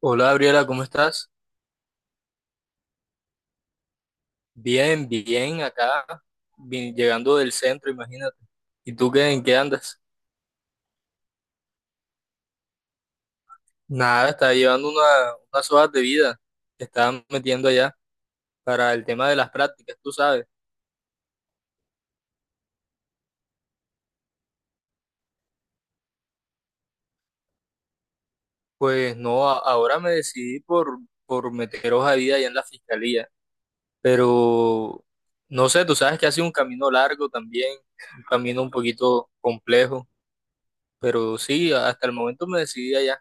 Hola Gabriela, ¿cómo estás? Bien, acá, bien, llegando del centro, imagínate. ¿Y tú qué, en qué andas? Nada, estaba unas hojas de vida que estaban metiendo allá para el tema de las prácticas, tú sabes. Pues no, ahora me por meter hoja de vida allá en la fiscalía, pero no sé, tú sabes que ha sido un camino largo también, un camino un poquito complejo, pero sí, hasta el momento me decidí allá.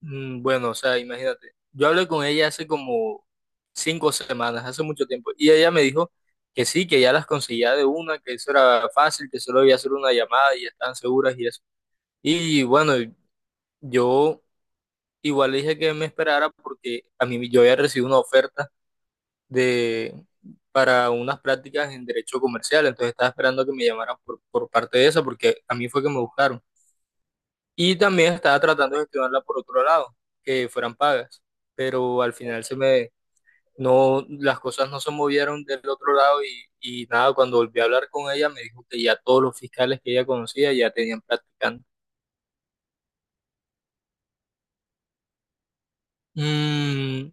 Mm, bueno, o sea, imagínate. Yo hablé con ella hace como 5 semanas, hace mucho tiempo. Y ella me dijo que sí, que ya las conseguía de una, que eso era fácil, que solo había hacer una llamada y ya estaban seguras y eso. Y bueno, yo igual le dije que me esperara porque a mí yo había recibido una oferta de para unas prácticas en derecho comercial, entonces estaba esperando que me llamaran por parte de eso porque a mí fue que me buscaron. Y también estaba tratando de gestionarla por otro lado, que fueran pagas, pero al final se me no, las cosas no se movieron del otro lado y nada, cuando volví a hablar con ella me dijo que ya todos los fiscales que ella conocía ya tenían practicante. Mm,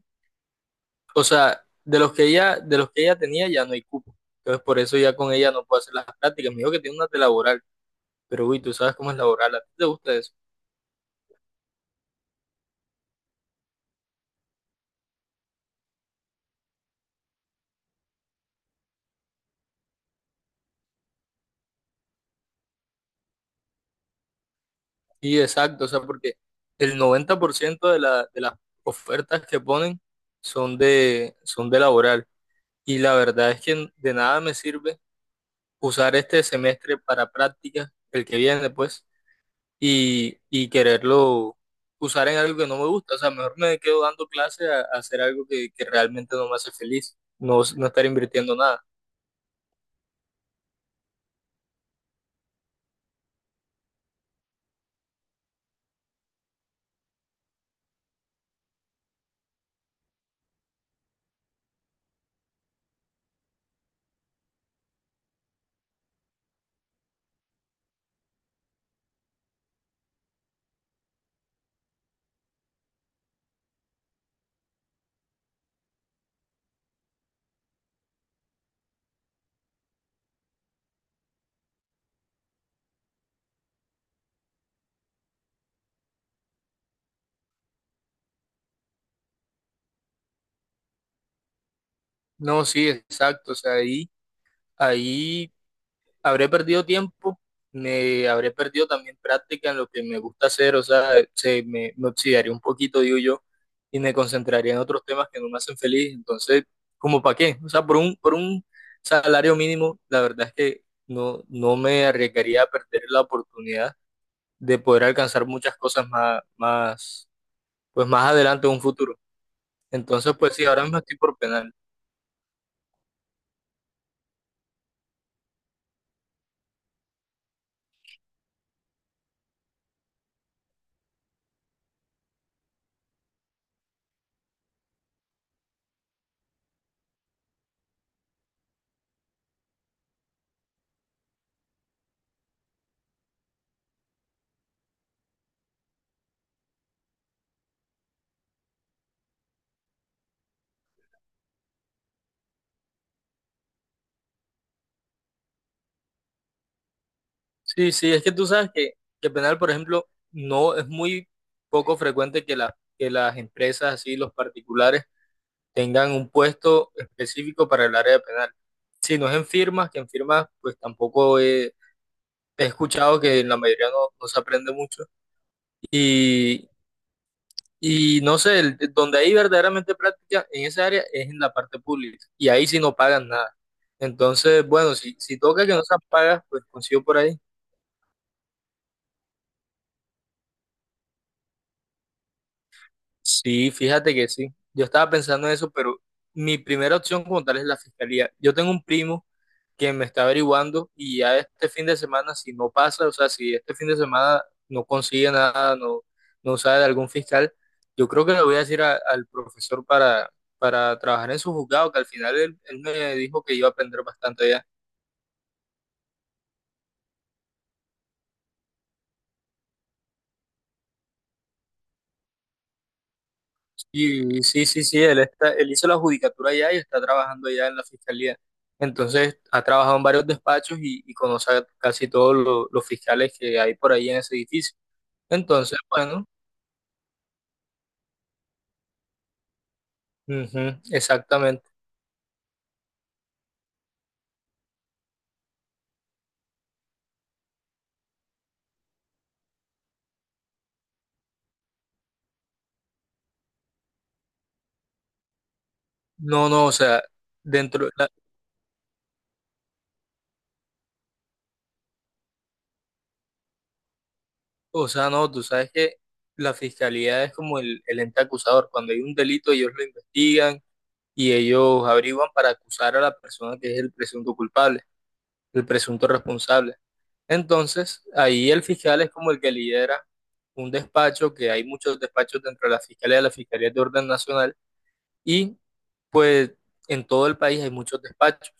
o sea, de los que ella tenía ya no hay cupo. Entonces por eso ya con ella no puedo hacer las prácticas. Me dijo que tiene una de laboral, pero uy, tú sabes cómo es laboral, ¿a ti te gusta eso? Sí, exacto, o sea, porque el 90% de las ofertas que ponen son de laboral. Y la verdad es que de nada me sirve usar este semestre para prácticas el que viene pues, y quererlo usar en algo que no me gusta. O sea, mejor me quedo dando clase a hacer algo que realmente no me hace feliz, no, no estar invirtiendo nada. No, sí, exacto. O sea, ahí habré perdido tiempo, me habré perdido también práctica en lo que me gusta hacer. O sea, me oxidaría un poquito, digo yo, y me concentraría en otros temas que no me hacen feliz. Entonces, ¿como para qué? O sea, por un salario mínimo, la verdad es que no, no me arriesgaría a perder la oportunidad de poder alcanzar muchas cosas más, más, pues más adelante en un futuro. Entonces, pues sí, ahora mismo estoy por penal. Sí, sí, es que tú sabes que penal, por ejemplo, no es muy poco frecuente que las empresas, así, los particulares, tengan un puesto específico para el área penal. Si no es en firmas, que en firmas pues tampoco he, he escuchado que en la mayoría no, no se aprende mucho. Y, y no sé, donde hay verdaderamente práctica en esa área es en la parte pública. Y ahí sí no pagan nada. Entonces, bueno, si, si toca que no se pagas, pues consigo por ahí. Sí, fíjate que sí. Yo estaba pensando en eso, pero mi primera opción como tal es la fiscalía. Yo tengo un primo quien me está averiguando y ya este fin de semana, si no pasa, o sea, si este fin de semana no consigue nada, no, no sabe de algún fiscal, yo creo que le voy a decir al profesor para trabajar en su juzgado, que al final él me dijo que iba a aprender bastante allá. Y sí, sí, sí, él hizo la judicatura allá y está trabajando allá en la fiscalía. Entonces, ha trabajado en varios despachos y conoce a casi todos los fiscales que hay por ahí en ese edificio. Entonces, bueno, ujú, exactamente. No, no, o sea, dentro, de la- o sea, no, tú sabes que la fiscalía es como el ente acusador. Cuando hay un delito, ellos lo investigan y ellos averiguan para acusar a la persona que es el presunto culpable, el presunto responsable. Entonces, ahí el fiscal es como el que lidera un despacho, que hay muchos despachos dentro de la fiscalía es de orden nacional, y pues en todo el país hay muchos despachos.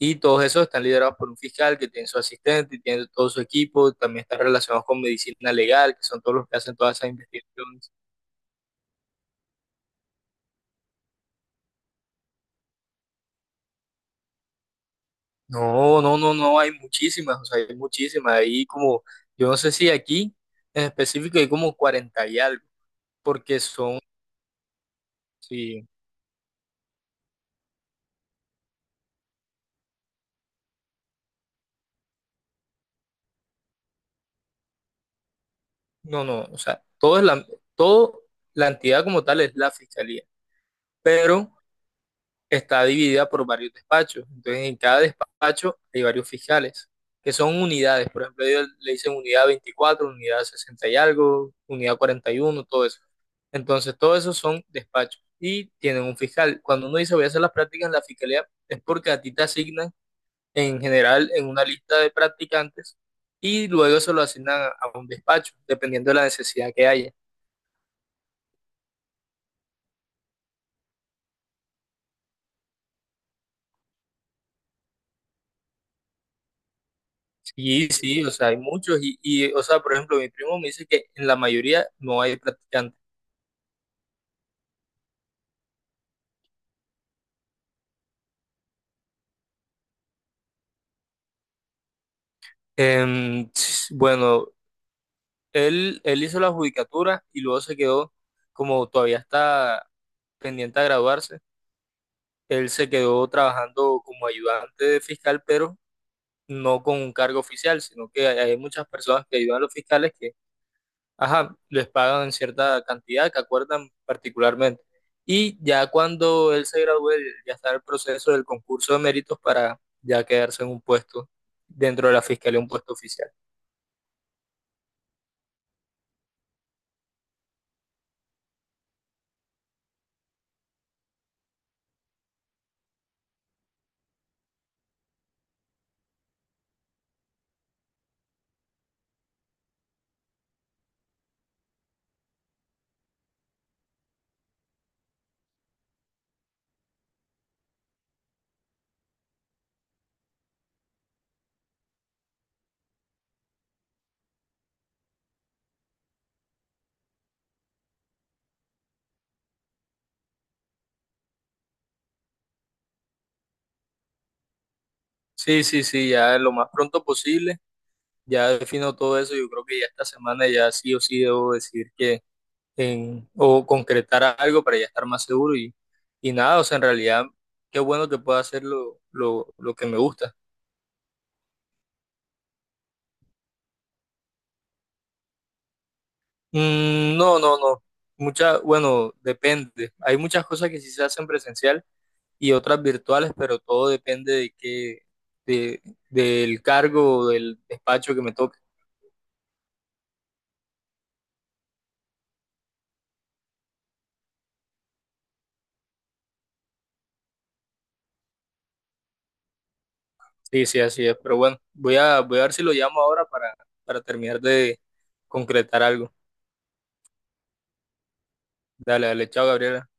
Y todos esos están liderados por un fiscal que tiene su asistente y tiene todo su equipo, también están relacionados con medicina legal, que son todos los que hacen todas esas investigaciones. No, no, no, no, hay muchísimas, o sea, hay muchísimas. Hay como, yo no sé si aquí en específico hay como 40 y algo, porque son, sí, no, no, o sea, todo, la entidad como tal es la fiscalía, pero está dividida por varios despachos. Entonces, en cada despacho hay varios fiscales, que son unidades. Por ejemplo, ellos le dicen unidad 24, unidad 60 y algo, unidad 41, todo eso. Entonces, todo eso son despachos y tienen un fiscal. Cuando uno dice voy a hacer las prácticas en la fiscalía, es porque a ti te asignan en general en una lista de practicantes y luego se lo asignan a un despacho, dependiendo de la necesidad que haya. Y sí, o sea, hay muchos y, o sea, por ejemplo, mi primo me dice que en la mayoría no hay practicantes. Bueno, él hizo la judicatura y luego se quedó, como todavía está pendiente a graduarse, él se quedó trabajando como ayudante de fiscal, pero no con un cargo oficial, sino que hay muchas personas que ayudan a los fiscales ajá, les pagan cierta cantidad que acuerdan particularmente. Y ya cuando él se graduó, él ya está en el proceso del concurso de méritos para ya quedarse en un puesto dentro de la fiscalía, un puesto oficial. Sí, sí, sí, ya lo más pronto posible, ya defino todo eso, yo creo que ya esta semana ya sí o sí debo decir que en, o concretar algo para ya estar más seguro y nada, o sea, en realidad qué bueno que pueda hacer lo que me gusta. Mm, no, no, no, muchas, bueno, depende, hay muchas cosas que sí se hacen presencial y otras virtuales, pero todo depende de qué, de, del cargo o del despacho que me toque. Sí, sí, así es. Pero bueno, voy a ver si lo llamo ahora para terminar de concretar algo. Dale, dale, chao, Gabriel.